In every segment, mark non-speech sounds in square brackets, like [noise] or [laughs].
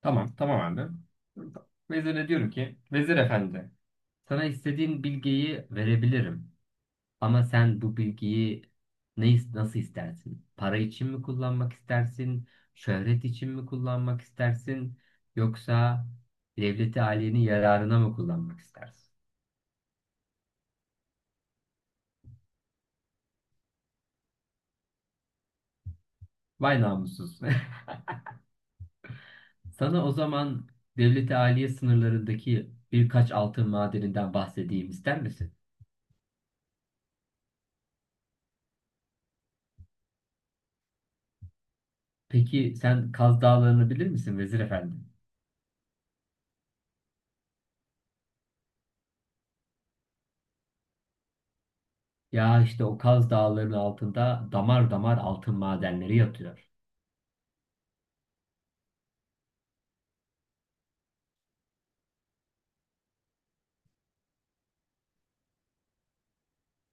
Tamam, tamam abi. Vezire diyorum ki, Vezir Efendi, sana istediğin bilgiyi verebilirim. Ama sen bu bilgiyi nasıl istersin? Para için mi kullanmak istersin? Şöhret için mi kullanmak istersin? Yoksa devleti aliyenin yararına mı kullanmak istersin? Vay namussuz. [laughs] Sana o zaman devleti aliye sınırlarındaki birkaç altın madeninden bahsedeyim ister misin? Peki sen Kaz Dağları'nı bilir misin Vezir Efendi? Ya işte o Kaz Dağları'nın altında damar damar altın madenleri yatıyor.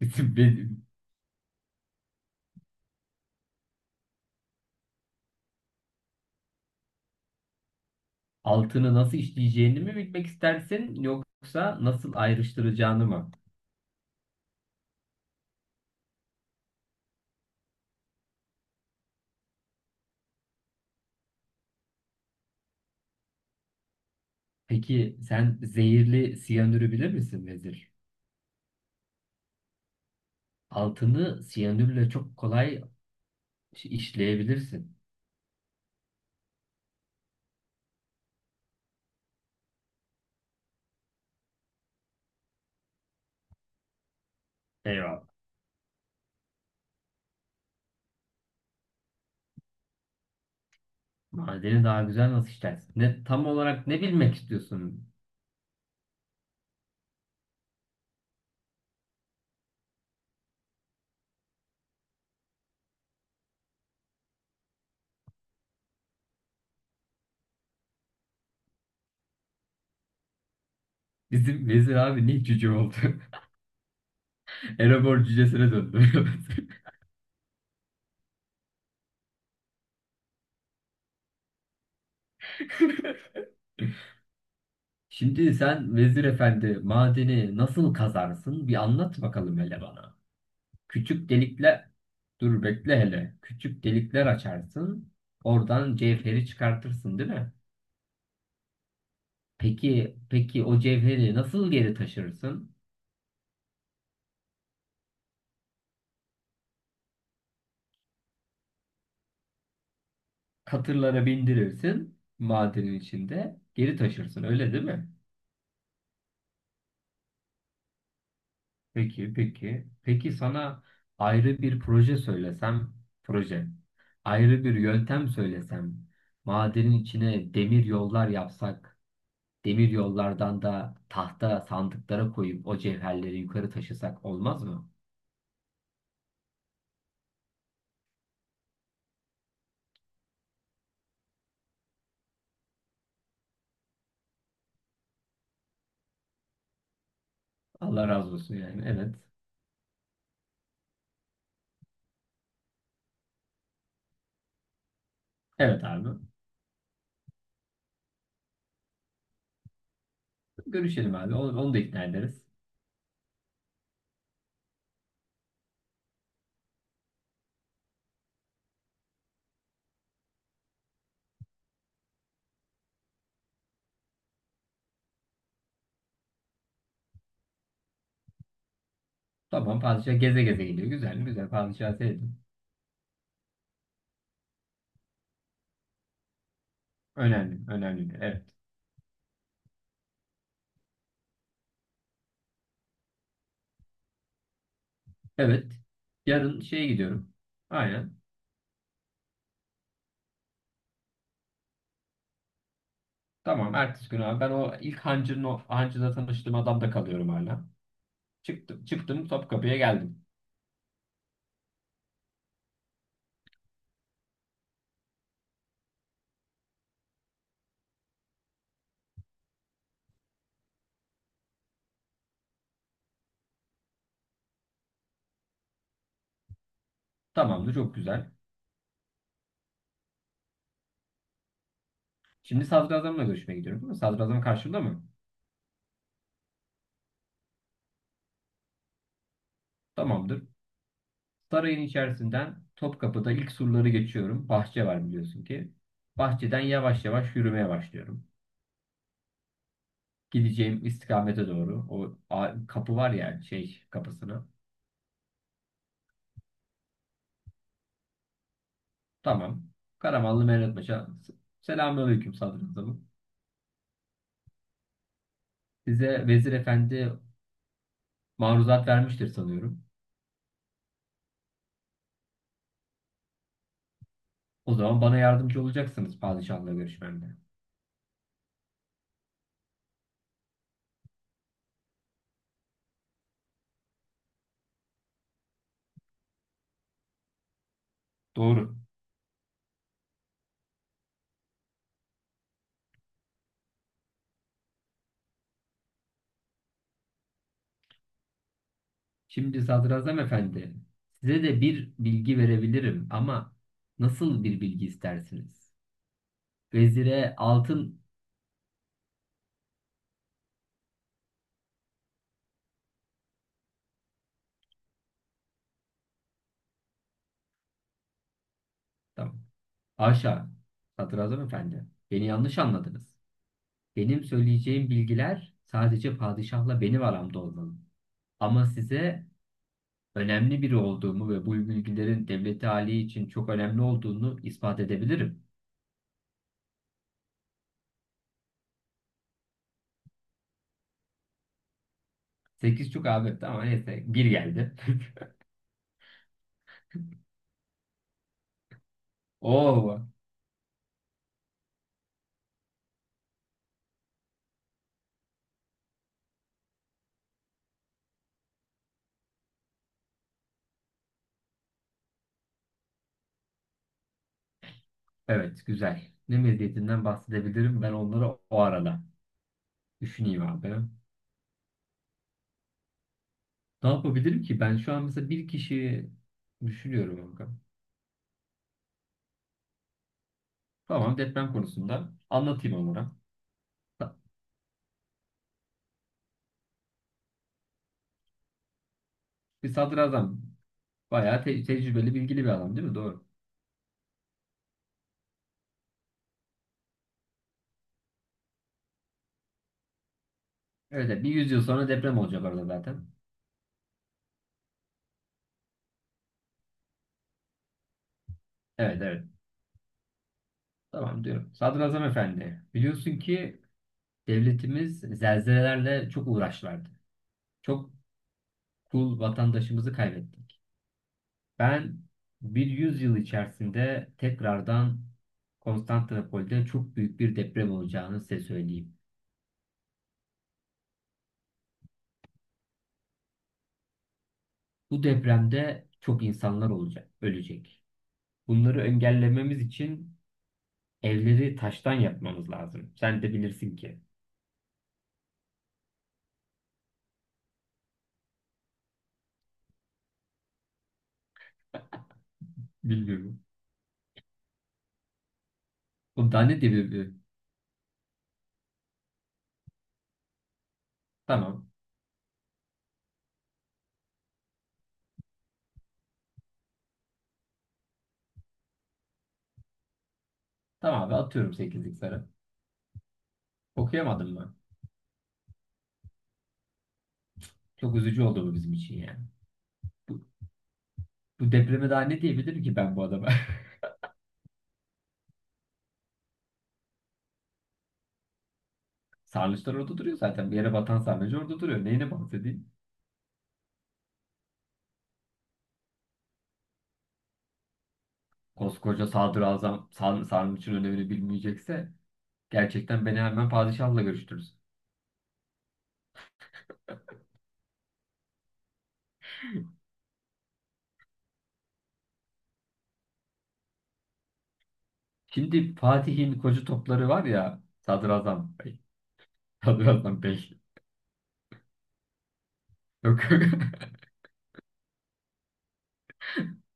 [laughs] Benim altını nasıl işleyeceğini mi bilmek istersin yoksa nasıl ayrıştıracağını mı? Peki sen zehirli siyanürü bilir misin Vezir? Altını siyanürle çok kolay işleyebilirsin. Eyvallah. Madeni daha güzel nasıl işlersin? Tam olarak ne bilmek istiyorsun? Bizim Vezir abi ne cüce oldu? [laughs] Erebor cücesine döndü. [laughs] Şimdi sen Vezir Efendi madeni nasıl kazarsın? Bir anlat bakalım hele bana. Küçük delikler, dur bekle hele. Küçük delikler açarsın. Oradan cevheri çıkartırsın, değil mi? Peki, peki o cevheri nasıl geri taşırsın? Katırlara bindirirsin madenin içinde. Geri taşırsın, öyle değil mi? Peki, peki. Peki sana ayrı bir proje söylesem, proje. Ayrı bir yöntem söylesem, madenin içine demir yollar yapsak, demir yollardan da tahta sandıklara koyup o cevherleri yukarı taşısak olmaz mı? Allah razı olsun yani. Evet. Evet abi. Görüşelim abi. Onu da ikna ederiz. Tamam padişah geze geze geliyor. Güzel mi? Güzel. Padişah sevdim. Önemli. Önemli. Evet. Evet. Yarın şeye gidiyorum. Aynen. Tamam ertesi gün abi ben o ilk hancının o hancıda tanıştığım adamda kalıyorum hala. Çıktım Topkapı'ya geldim. Tamamdır çok güzel. Şimdi sadrazamla görüşmeye gidiyorum değil mi? Sadrazam karşımda mı? Tamamdır. Sarayın içerisinden Topkapı'da ilk surları geçiyorum. Bahçe var biliyorsun ki. Bahçeden yavaş yavaş yürümeye başlıyorum. Gideceğim istikamete doğru. Kapı var ya şey kapısına. Tamam. Karamanlı Mehmet Paşa. Selamünaleyküm sadrazamım. Size vezir efendi maruzat vermiştir sanıyorum. O zaman bana yardımcı olacaksınız padişahla görüşmemde. Doğru. Şimdi sadrazam efendi, size de bir bilgi verebilirim ama nasıl bir bilgi istersiniz? Vezire altın... Tamam. Haşa. Sadrazam efendi, beni yanlış anladınız. Benim söyleyeceğim bilgiler sadece padişahla benim aramda olmalı. Ama size önemli biri olduğumu ve bu bilgilerin devleti hali için çok önemli olduğunu ispat edebilirim. Sekiz çok abi. Tamam neyse. Bir geldi. [laughs] Oo, evet güzel. Ne medyatinden bahsedebilirim ben onları o arada. Düşüneyim abi. Ne yapabilirim ki? Ben şu an mesela bir kişi düşünüyorum kanka. Tamam deprem konusunda anlatayım onlara. Bir sadrazam bayağı tecrübeli bilgili bir adam değil mi? Doğru. Evet, evet, bir yüzyıl sonra deprem olacak orada zaten. Evet, evet, tamam diyorum. Sadrazam efendi biliyorsun ki devletimiz zelzelelerle çok uğraşlardı. Çok kul vatandaşımızı kaybetti. Ben bir yüzyıl içerisinde tekrardan Konstantinopol'de çok büyük bir deprem olacağını size söyleyeyim. Bu depremde çok insanlar olacak, ölecek. Bunları engellememiz için evleri taştan yapmamız lazım. Sen de bilirsin ki. Bilmiyorum. Bu da ne diye bir... Tamam. Tamam abi atıyorum sekizlik sarı. Okuyamadım mı? Çok üzücü oldu bu bizim için yani. Bu, bu depreme daha ne diyebilirim ki ben bu adama? [laughs] Sarnıçlar orada duruyor zaten. Bir yere batan sarnıcı orada duruyor. Neyine bahsedeyim? Koskoca sadrazam sarnıcın önemini bilmeyecekse gerçekten beni hemen padişahla görüştürürüz. Şimdi Fatih'in koca topları var ya sadrazam bey. [laughs] Sadrazam bey. Yok. [laughs]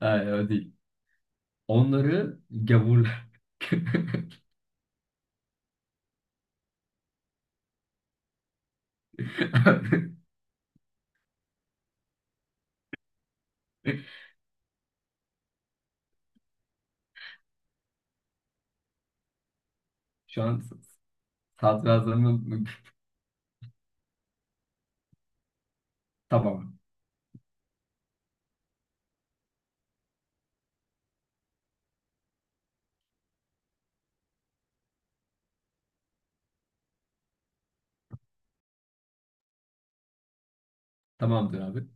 Hayır, o değil. Onları gavurlar. [laughs] Şu an sadrazamın tamam. Tamamdır abi.